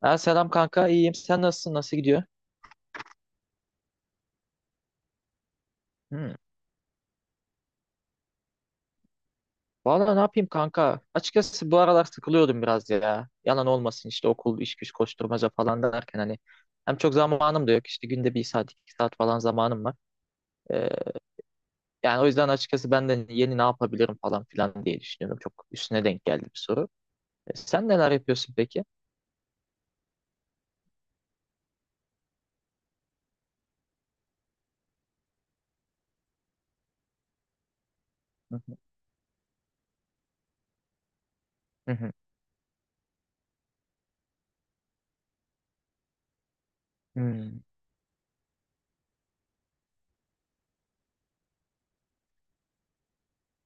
Ha, selam kanka, iyiyim, sen nasılsın, nasıl gidiyor? Hmm. Valla ne yapayım kanka, açıkçası bu aralar sıkılıyordum biraz ya, yalan olmasın işte okul iş güç koşturmaca falan derken hani hem çok zamanım da yok, işte günde 1 saat 2 saat falan zamanım var. Ee, Yani o yüzden açıkçası ben de yeni ne yapabilirim falan filan diye düşünüyorum, çok üstüne denk geldi bir soru. E, sen neler yapıyorsun peki? Hı hı. Hı hı. Hmm.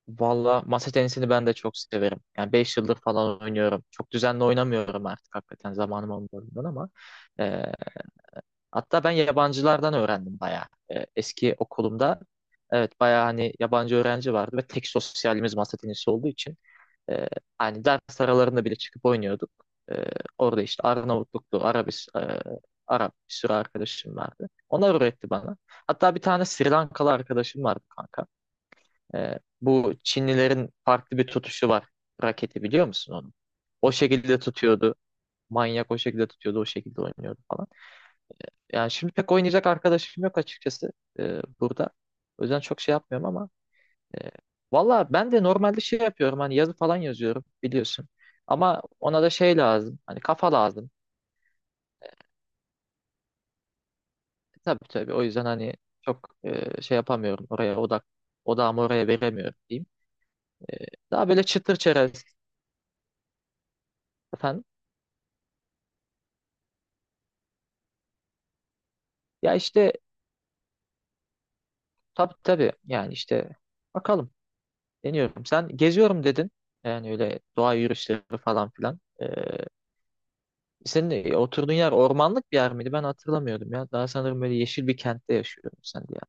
Valla, masa tenisini ben de çok severim. Yani 5 yıldır falan oynuyorum. Çok düzenli oynamıyorum artık, hakikaten zamanım olmadığından ama. ee, Hatta ben yabancılardan öğrendim bayağı. Eski okulumda evet bayağı, hani yabancı öğrenci vardı ve tek sosyalimiz masa tenisi olduğu için e, hani ders aralarında bile çıkıp oynuyorduk. E, Orada işte Arnavutluklu, Arap, bir sürü arkadaşım vardı. Onlar öğretti bana. Hatta bir tane Sri Lankalı arkadaşım vardı kanka. Bu Çinlilerin farklı bir tutuşu var. Raketi, biliyor musun onu? O şekilde tutuyordu. Manyak, o şekilde tutuyordu, o şekilde oynuyordu falan. Yani şimdi pek oynayacak arkadaşım yok açıkçası burada. O yüzden çok şey yapmıyorum ama e, valla ben de normalde şey yapıyorum, hani yazı falan yazıyorum biliyorsun. Ama ona da şey lazım, hani kafa lazım. Tabii tabii, o yüzden hani çok şey yapamıyorum, oraya odağımı oraya veremiyorum diyeyim. E, Daha böyle çıtır çerez efendim. Ya işte tabii tabii, yani işte bakalım, deniyorum. Sen geziyorum dedin, yani öyle doğa yürüyüşleri falan filan. Senin de oturduğun yer ormanlık bir yer miydi? Ben hatırlamıyordum ya. Daha sanırım böyle yeşil bir kentte yaşıyordun sen diye.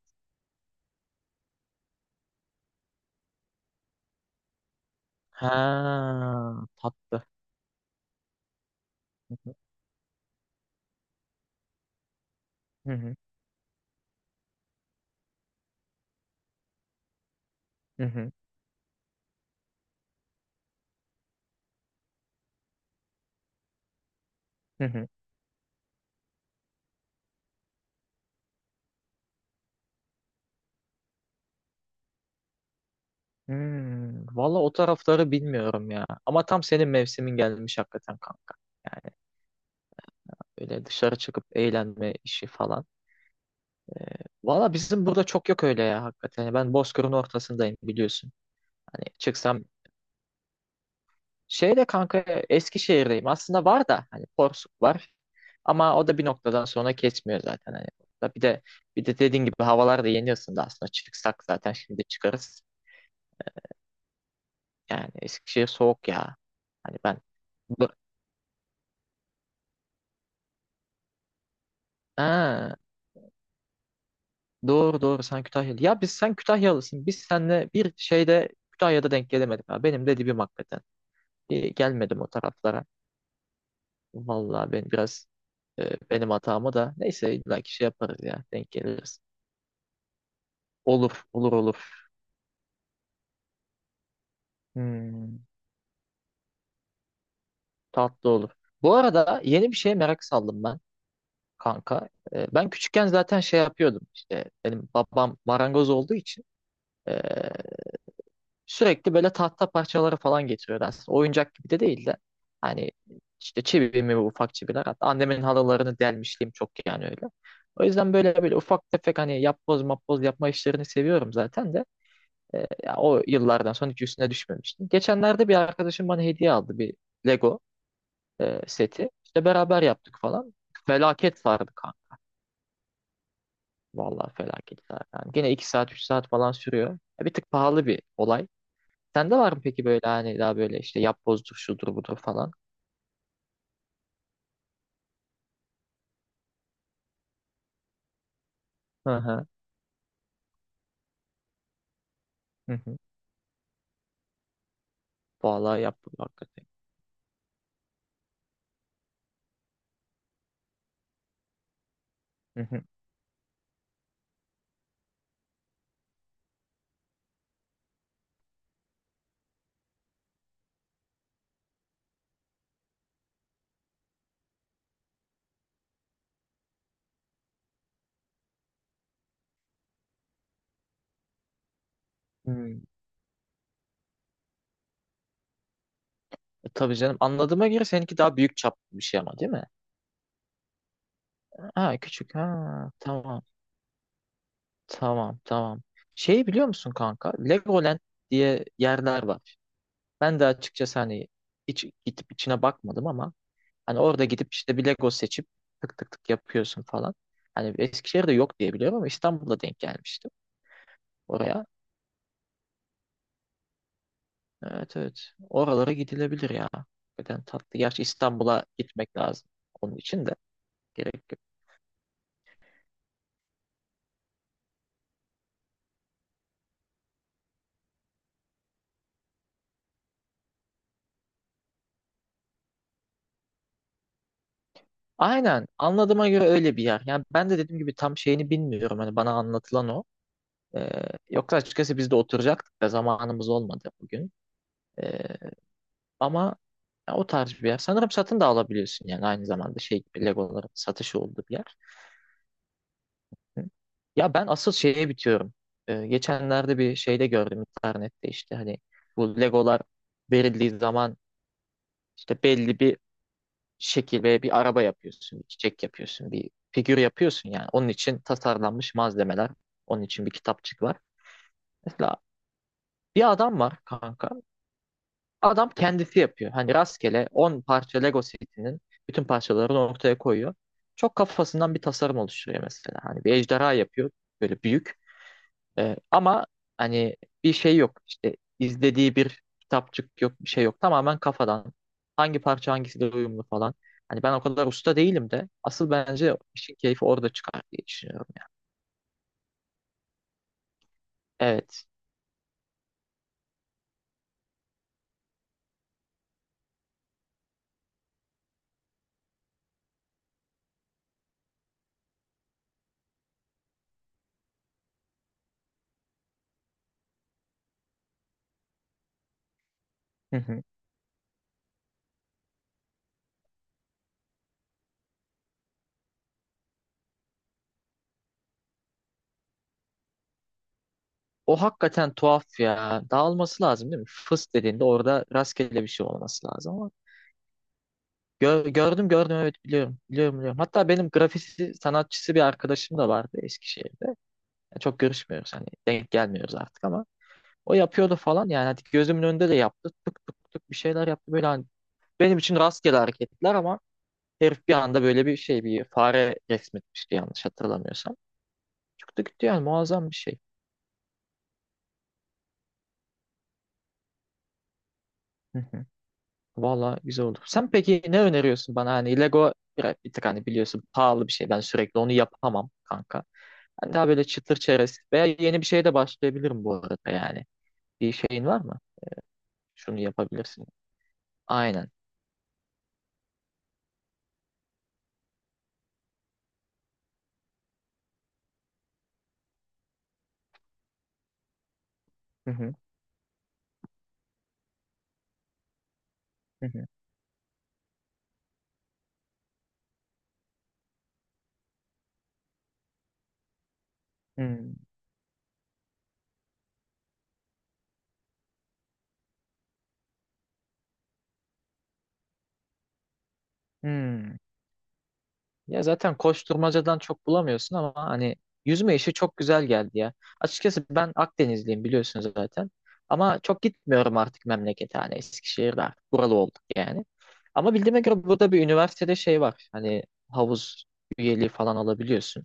Ha, tatlı. Hı hı, hı hı, hı hı. Hmm, valla o tarafları bilmiyorum ya. Ama tam senin mevsimin gelmiş hakikaten kanka. Yani böyle dışarı çıkıp eğlenme işi falan. Ee, Valla bizim burada çok yok öyle ya hakikaten. Yani ben Bozkır'ın ortasındayım biliyorsun. Hani çıksam. Şeyde kanka, Eskişehir'deyim. Aslında var da hani Porsuk var. Ama o da bir noktadan sonra kesmiyor zaten. Hani da bir de dediğin gibi havalar da yeni ısındı aslında. Çıksak zaten şimdi çıkarız. Yani Eskişehir soğuk ya. Hani ben bu- ha, doğru doğru, sen Kütahyalı. Ya biz, sen Kütahyalısın. Biz seninle bir şeyde Kütahya'da denk gelemedik. Ha. Benim de dibim hakikaten. Bir gelmedim o taraflara. Vallahi ben biraz benim hatamı da, neyse illaki şey yaparız ya. Denk geliriz. Olur, olur, olur. Hmm. Tatlı olur. Bu arada yeni bir şeye merak saldım ben kanka. Ben küçükken zaten şey yapıyordum. İşte benim babam marangoz olduğu için ee, sürekli böyle tahta parçaları falan getiriyordu aslında. Oyuncak gibi de değil de. Hani işte çivi mi, ufak çiviler. Hatta annemin halılarını delmişliğim çok yani öyle. O yüzden böyle böyle ufak tefek, hani yapboz mapboz yapma işlerini seviyorum zaten de. Ya o yıllardan sonra hiç üstüne düşmemiştim. Geçenlerde bir arkadaşım bana hediye aldı bir Lego seti. İşte beraber yaptık falan. Felaket sardı kanka. Vallahi felaket sardı. Yani gene 2 saat 3 saat falan sürüyor. Ya, bir tık pahalı bir olay. Sende var mı peki, böyle hani daha böyle işte yapbozdur şudur budur falan? Hı hı. Hı hı. Vallahi yapboz hakikaten. Hı hı. Hmm. Tabii canım, anladığıma göre seninki daha büyük çaplı bir şey ama, değil mi? Ha küçük, ha, tamam, tamam, tamam. Şeyi biliyor musun kanka? Legoland diye yerler var. Ben de açıkçası hani hiç gidip içine bakmadım ama hani orada gidip işte bir Lego seçip tık tık tık yapıyorsun falan. Hani Eskişehir'de yok diye biliyorum ama İstanbul'da denk gelmiştim oraya. Evet, evet. Oralara gidilebilir ya. Neden, tatlı. Gerçi İstanbul'a gitmek lazım. Onun için de gerek yok. Aynen. Anladığıma göre öyle bir yer. Yani ben de dediğim gibi tam şeyini bilmiyorum. Hani bana anlatılan o. Ee, Yoksa açıkçası biz de oturacaktık da zamanımız olmadı bugün. Ee, Ama ya, o tarz bir yer. Sanırım satın da alabiliyorsun, yani aynı zamanda şey gibi Legoların satışı olduğu bir yer. Ya ben asıl şeye bitiyorum. Geçenlerde bir şeyde gördüm internette, işte hani bu Legolar verildiği zaman işte belli bir şekil ve bir araba yapıyorsun, bir çiçek yapıyorsun, bir figür yapıyorsun yani. Onun için tasarlanmış malzemeler, onun için bir kitapçık var. Mesela bir adam var kanka. Adam kendisi yapıyor. Hani rastgele 10 parça Lego setinin bütün parçalarını ortaya koyuyor. Çok kafasından bir tasarım oluşturuyor mesela. Hani bir ejderha yapıyor, böyle büyük. Ama hani bir şey yok, işte izlediği bir kitapçık yok, bir şey yok, tamamen kafadan hangi parça hangisiyle uyumlu falan. Hani ben o kadar usta değilim de, asıl bence işin keyfi orada çıkar diye düşünüyorum yani. Evet. Hı hı. O hakikaten tuhaf ya. Dağılması lazım değil mi? Fıs dediğinde orada rastgele bir şey olması lazım ama gördüm, gördüm, evet, biliyorum, biliyorum, biliyorum. Hatta benim grafisi sanatçısı bir arkadaşım da vardı Eskişehir'de. Çok görüşmüyoruz, hani denk gelmiyoruz artık ama o yapıyordu falan yani, hani gözümün önünde de yaptı. Tık tık tık bir şeyler yaptı böyle, hani benim için rastgele hareketler ama herif bir anda böyle bir şey, bir fare resmetmişti yanlış hatırlamıyorsam. Çıktı gitti yani, muazzam bir şey. Hı hı. Vallahi güzel oldu. Sen peki ne öneriyorsun bana, hani Lego bir tık, hani biliyorsun pahalı bir şey, ben sürekli onu yapamam kanka. Ben daha böyle çıtır çerez veya yeni bir şeye de başlayabilirim bu arada yani. Bir şeyin var mı? Şunu yapabilirsin. Aynen. Hı hı. Hı hı. Hı. Hı. Ya zaten koşturmacadan çok bulamıyorsun ama hani yüzme işi çok güzel geldi ya. Açıkçası ben Akdenizliyim biliyorsun zaten. Ama çok gitmiyorum artık memlekete, hani Eskişehir'de artık buralı olduk yani. Ama bildiğime göre burada bir üniversitede şey var. Hani havuz üyeliği falan alabiliyorsun.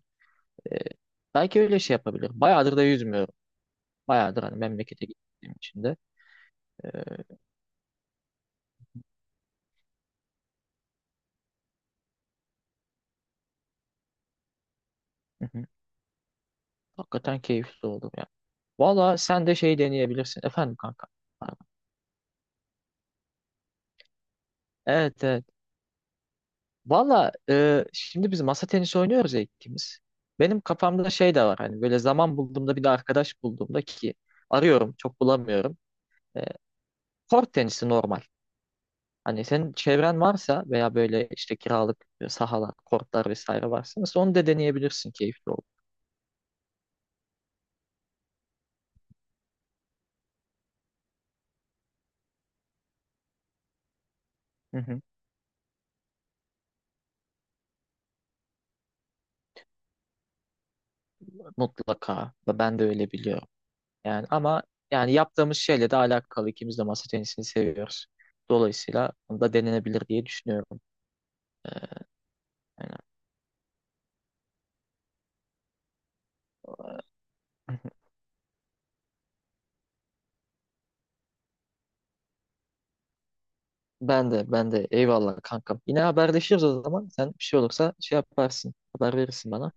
Ee, Belki öyle şey yapabilir. Bayağıdır da yüzmüyorum. Bayağıdır hani memlekete gittiğim için de. Ee, hı hı. Hakikaten keyifli oldu ya. Valla sen de şey deneyebilirsin. Efendim kanka. Pardon. Evet, evet. Valla, şimdi biz masa tenisi oynuyoruz ya ikimiz. Benim kafamda şey de var, hani böyle zaman bulduğumda, bir de arkadaş bulduğumda ki arıyorum çok bulamıyorum. E, Kort tenisi normal. Hani senin çevren varsa veya böyle işte kiralık sahalar, kortlar vesaire varsa mesela, onu da deneyebilirsin, keyifli olur. Hı hı. Mutlaka. Ve ben de öyle biliyorum. Yani ama yani yaptığımız şeyle de alakalı ikimiz de masa tenisini seviyoruz. Dolayısıyla bunu da denenebilir diye düşünüyorum. E, Yani, ben de eyvallah kankam. Yine haberleşiriz o zaman. Sen bir şey olursa şey yaparsın. Haber verirsin bana.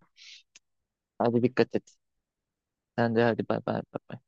Hadi dikkat et. Sen de hadi, bay bay. Bay bay.